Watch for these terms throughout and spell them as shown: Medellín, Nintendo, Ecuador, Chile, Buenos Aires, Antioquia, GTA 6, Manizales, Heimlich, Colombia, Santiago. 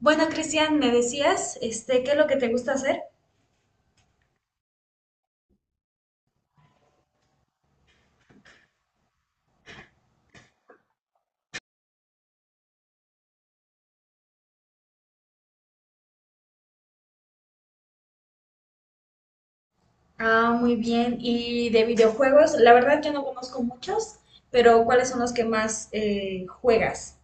Bueno, Cristian, me decías, este, ¿qué es lo que te gusta hacer? Ah, muy bien. Y de videojuegos, la verdad yo no conozco muchos, pero ¿cuáles son los que más juegas?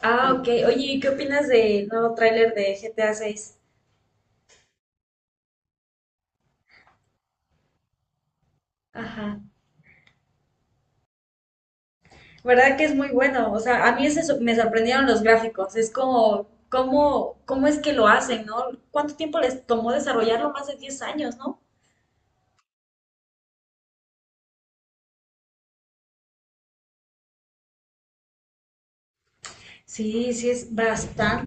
Ah, ok. Oye, ¿qué opinas del nuevo tráiler de GTA 6? Ajá. ¿Verdad que es muy bueno? O sea, a mí me sorprendieron los gráficos. Es como, ¿cómo es que lo hacen, no? ¿Cuánto tiempo les tomó desarrollarlo? Más de 10 años, ¿no? Sí, sí, es bastante.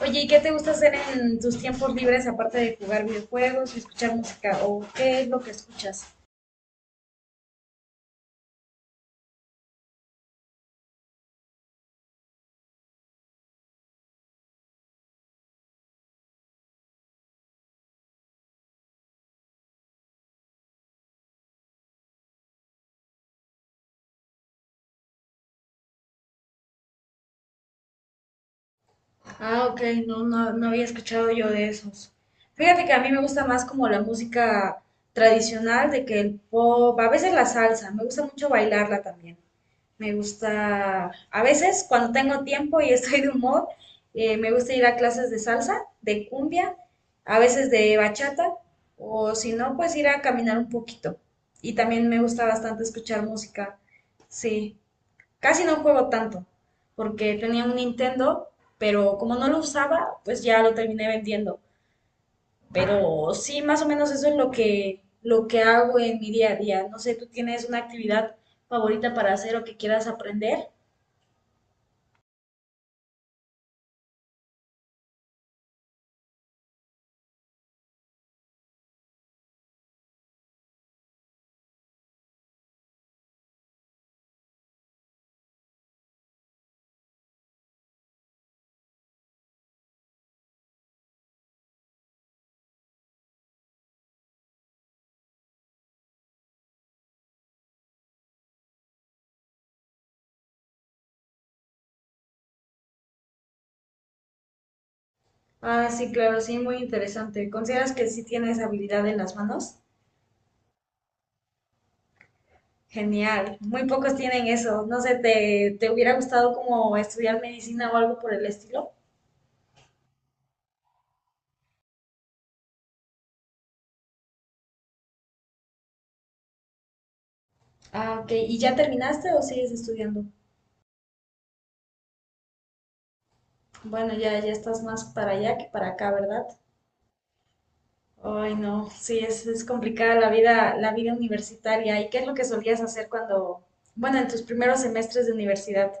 Oye, ¿y qué te gusta hacer en tus tiempos libres aparte de jugar videojuegos y escuchar música? ¿O qué es lo que escuchas? Ah, ok, no, no, no había escuchado yo de esos. Fíjate que a mí me gusta más como la música tradicional, de que el pop, a veces la salsa, me gusta mucho bailarla también. Me gusta, a veces cuando tengo tiempo y estoy de humor, me gusta ir a clases de salsa, de cumbia, a veces de bachata, o si no, pues ir a caminar un poquito. Y también me gusta bastante escuchar música. Sí, casi no juego tanto, porque tenía un Nintendo, pero como no lo usaba, pues ya lo terminé vendiendo. Pero sí, más o menos eso es lo que hago en mi día a día. No sé, ¿tú tienes una actividad favorita para hacer o que quieras aprender? Ah, sí, claro, sí, muy interesante. ¿Consideras que sí tienes habilidad en las manos? Genial, muy pocos tienen eso. No sé, ¿te hubiera gustado como estudiar medicina o algo por el estilo? Ah, ok. ¿Y ya terminaste o sigues estudiando? Bueno, ya estás más para allá que para acá, ¿verdad? Ay, no, sí, es complicada la vida universitaria. ¿Y qué es lo que solías hacer cuando, bueno, en tus primeros semestres de universidad?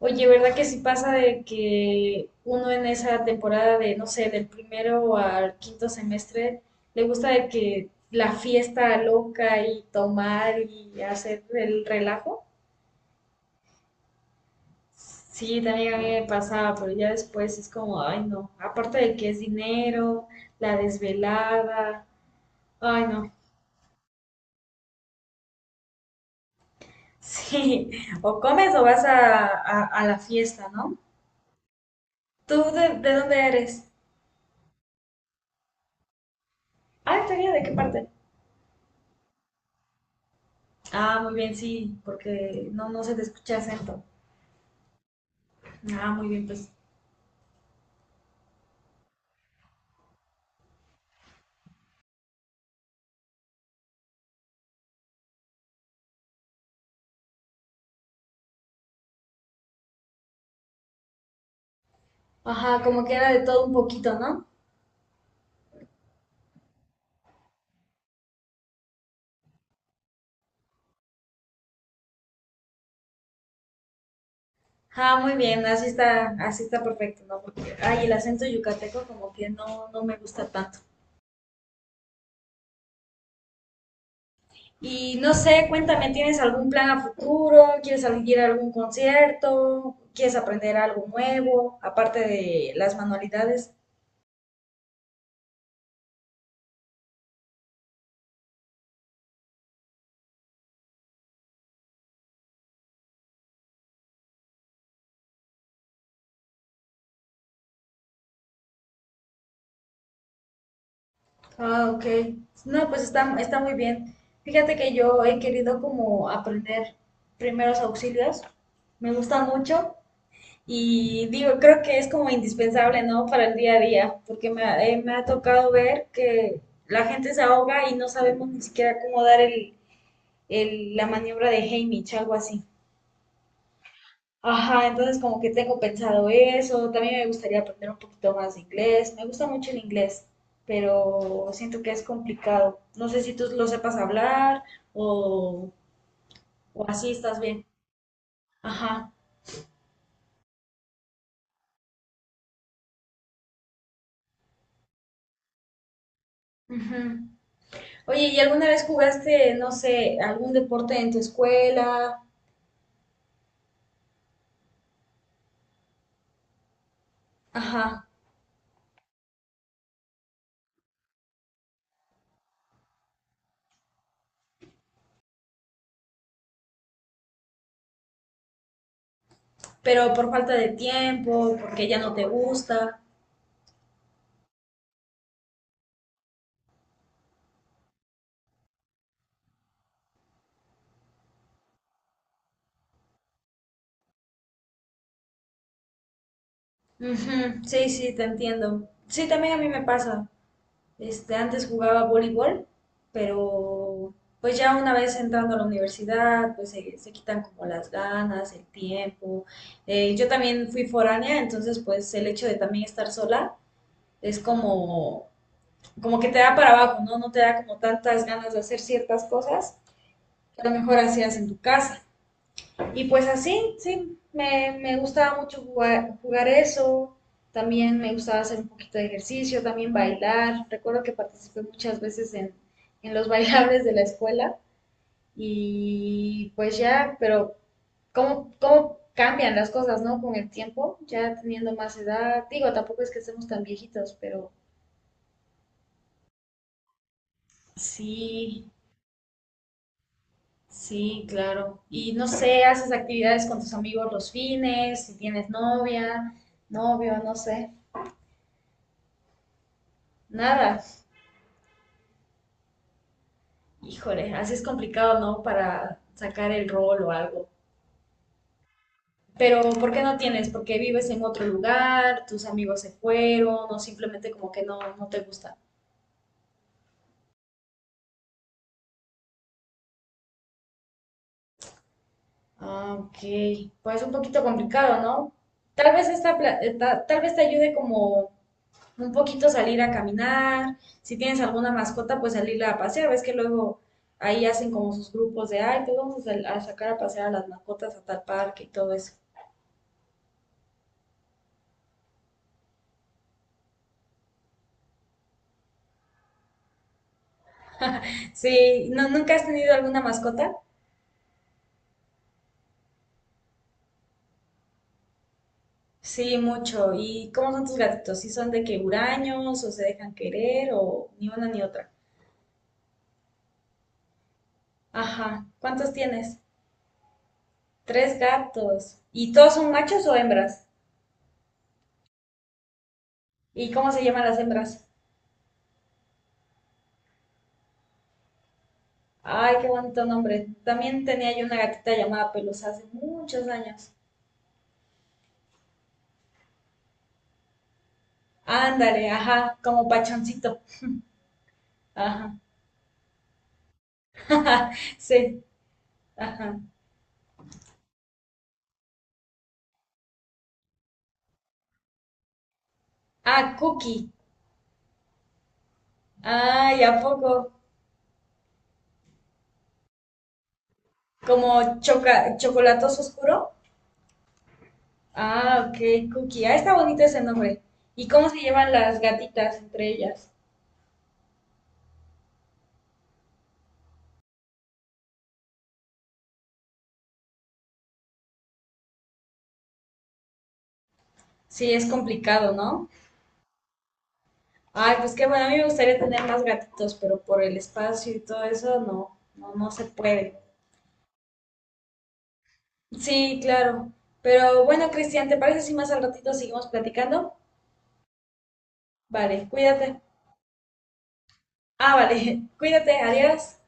Oye, ¿verdad que sí pasa de que uno en esa temporada de, no sé, del primero al quinto semestre, le gusta de que la fiesta loca y tomar y hacer el relajo? Sí, también a mí me pasaba, pero ya después es como, ay no, aparte de que es dinero, la desvelada, ay no, sí, o comes o vas a, a la fiesta, ¿no? ¿Tú de dónde eres? Ah, ¿todavía de qué parte? Ah, muy bien, sí, porque no, no se te escucha acento. Ah, muy bien, pues. Ajá, como que era de todo un poquito, ¿no? Ah, muy bien, así está perfecto, ¿no? Porque, ay, el acento yucateco como que no, no me gusta tanto. Y no sé, cuéntame, ¿tienes algún plan a futuro? ¿Quieres salir a algún concierto? ¿Quieres aprender algo nuevo, aparte de las manualidades? Ah, ok. No, pues está, está muy bien. Fíjate que yo he querido como aprender primeros auxilios. Me gusta mucho y digo, creo que es como indispensable, ¿no? Para el día a día, porque me ha tocado ver que la gente se ahoga y no sabemos ni siquiera cómo dar la maniobra de Heimlich, algo así. Ajá, entonces como que tengo pensado eso, también me gustaría aprender un poquito más de inglés, me gusta mucho el inglés, pero siento que es complicado. No sé si tú lo sepas hablar o, o así estás bien. Ajá. Ujú. Oye, ¿y alguna vez jugaste, no sé, algún deporte en tu escuela? Ajá, pero por falta de tiempo, porque ya no te gusta. Ujú, sí, sí, te entiendo. Sí, también a mí me pasa. Este, antes jugaba voleibol, pero pues ya una vez entrando a la universidad, pues se quitan como las ganas, el tiempo. Yo también fui foránea, entonces pues el hecho de también estar sola es como, como que te da para abajo, ¿no? No te da como tantas ganas de hacer ciertas cosas que a lo mejor hacías en tu casa. Y pues así, sí, me gustaba mucho jugar, jugar eso, también me gustaba hacer un poquito de ejercicio, también bailar. Recuerdo que participé muchas veces en los bailables de la escuela y pues ya, pero ¿cómo, cómo cambian las cosas, ¿no? Con el tiempo, ya teniendo más edad, digo, tampoco es que estemos tan viejitos, pero sí, sí, claro. Y no sé, haces actividades con tus amigos los fines, si tienes novia, novio, no sé. Nada. Híjole, así es complicado, ¿no? Para sacar el rol o algo. Pero ¿por qué no tienes? Porque vives en otro lugar, tus amigos se fueron, o simplemente como que no, no te gusta. Ah, ok. Pues un poquito complicado, ¿no? Tal vez esta, pla- ta- Tal vez te ayude como un poquito salir a caminar. Si tienes alguna mascota, pues salirla a pasear. Ves que luego ahí hacen como sus grupos de, ay, pues vamos a, a sacar a pasear a las mascotas a tal parque y todo eso. Sí, ¿no, nunca has tenido alguna mascota? Sí, mucho. ¿Y cómo son tus gatitos? ¿Sí son de que huraños o se dejan querer o ni una ni otra? Ajá. ¿Cuántos tienes? Tres gatos. ¿Y todos son machos o hembras? ¿Y cómo se llaman las hembras? Ay, qué bonito nombre. También tenía yo una gatita llamada Pelusa hace muchos años. Ándale, ajá, como pachoncito. Ajá. Sí, ajá. Ah, Cookie. Ay, ¿a poco? Como choca chocolatoso oscuro. Ah, ok, Cookie. Ah, está bonito ese nombre. ¿Y cómo se llevan las gatitas entre ellas? Sí, es complicado, ¿no? Ay, pues qué bueno, a mí me gustaría tener más gatitos, pero por el espacio y todo eso, no, no, no se puede. Sí, claro. Pero bueno, Cristian, ¿te parece si más al ratito seguimos platicando? Vale, cuídate. Ah, vale, cuídate, adiós.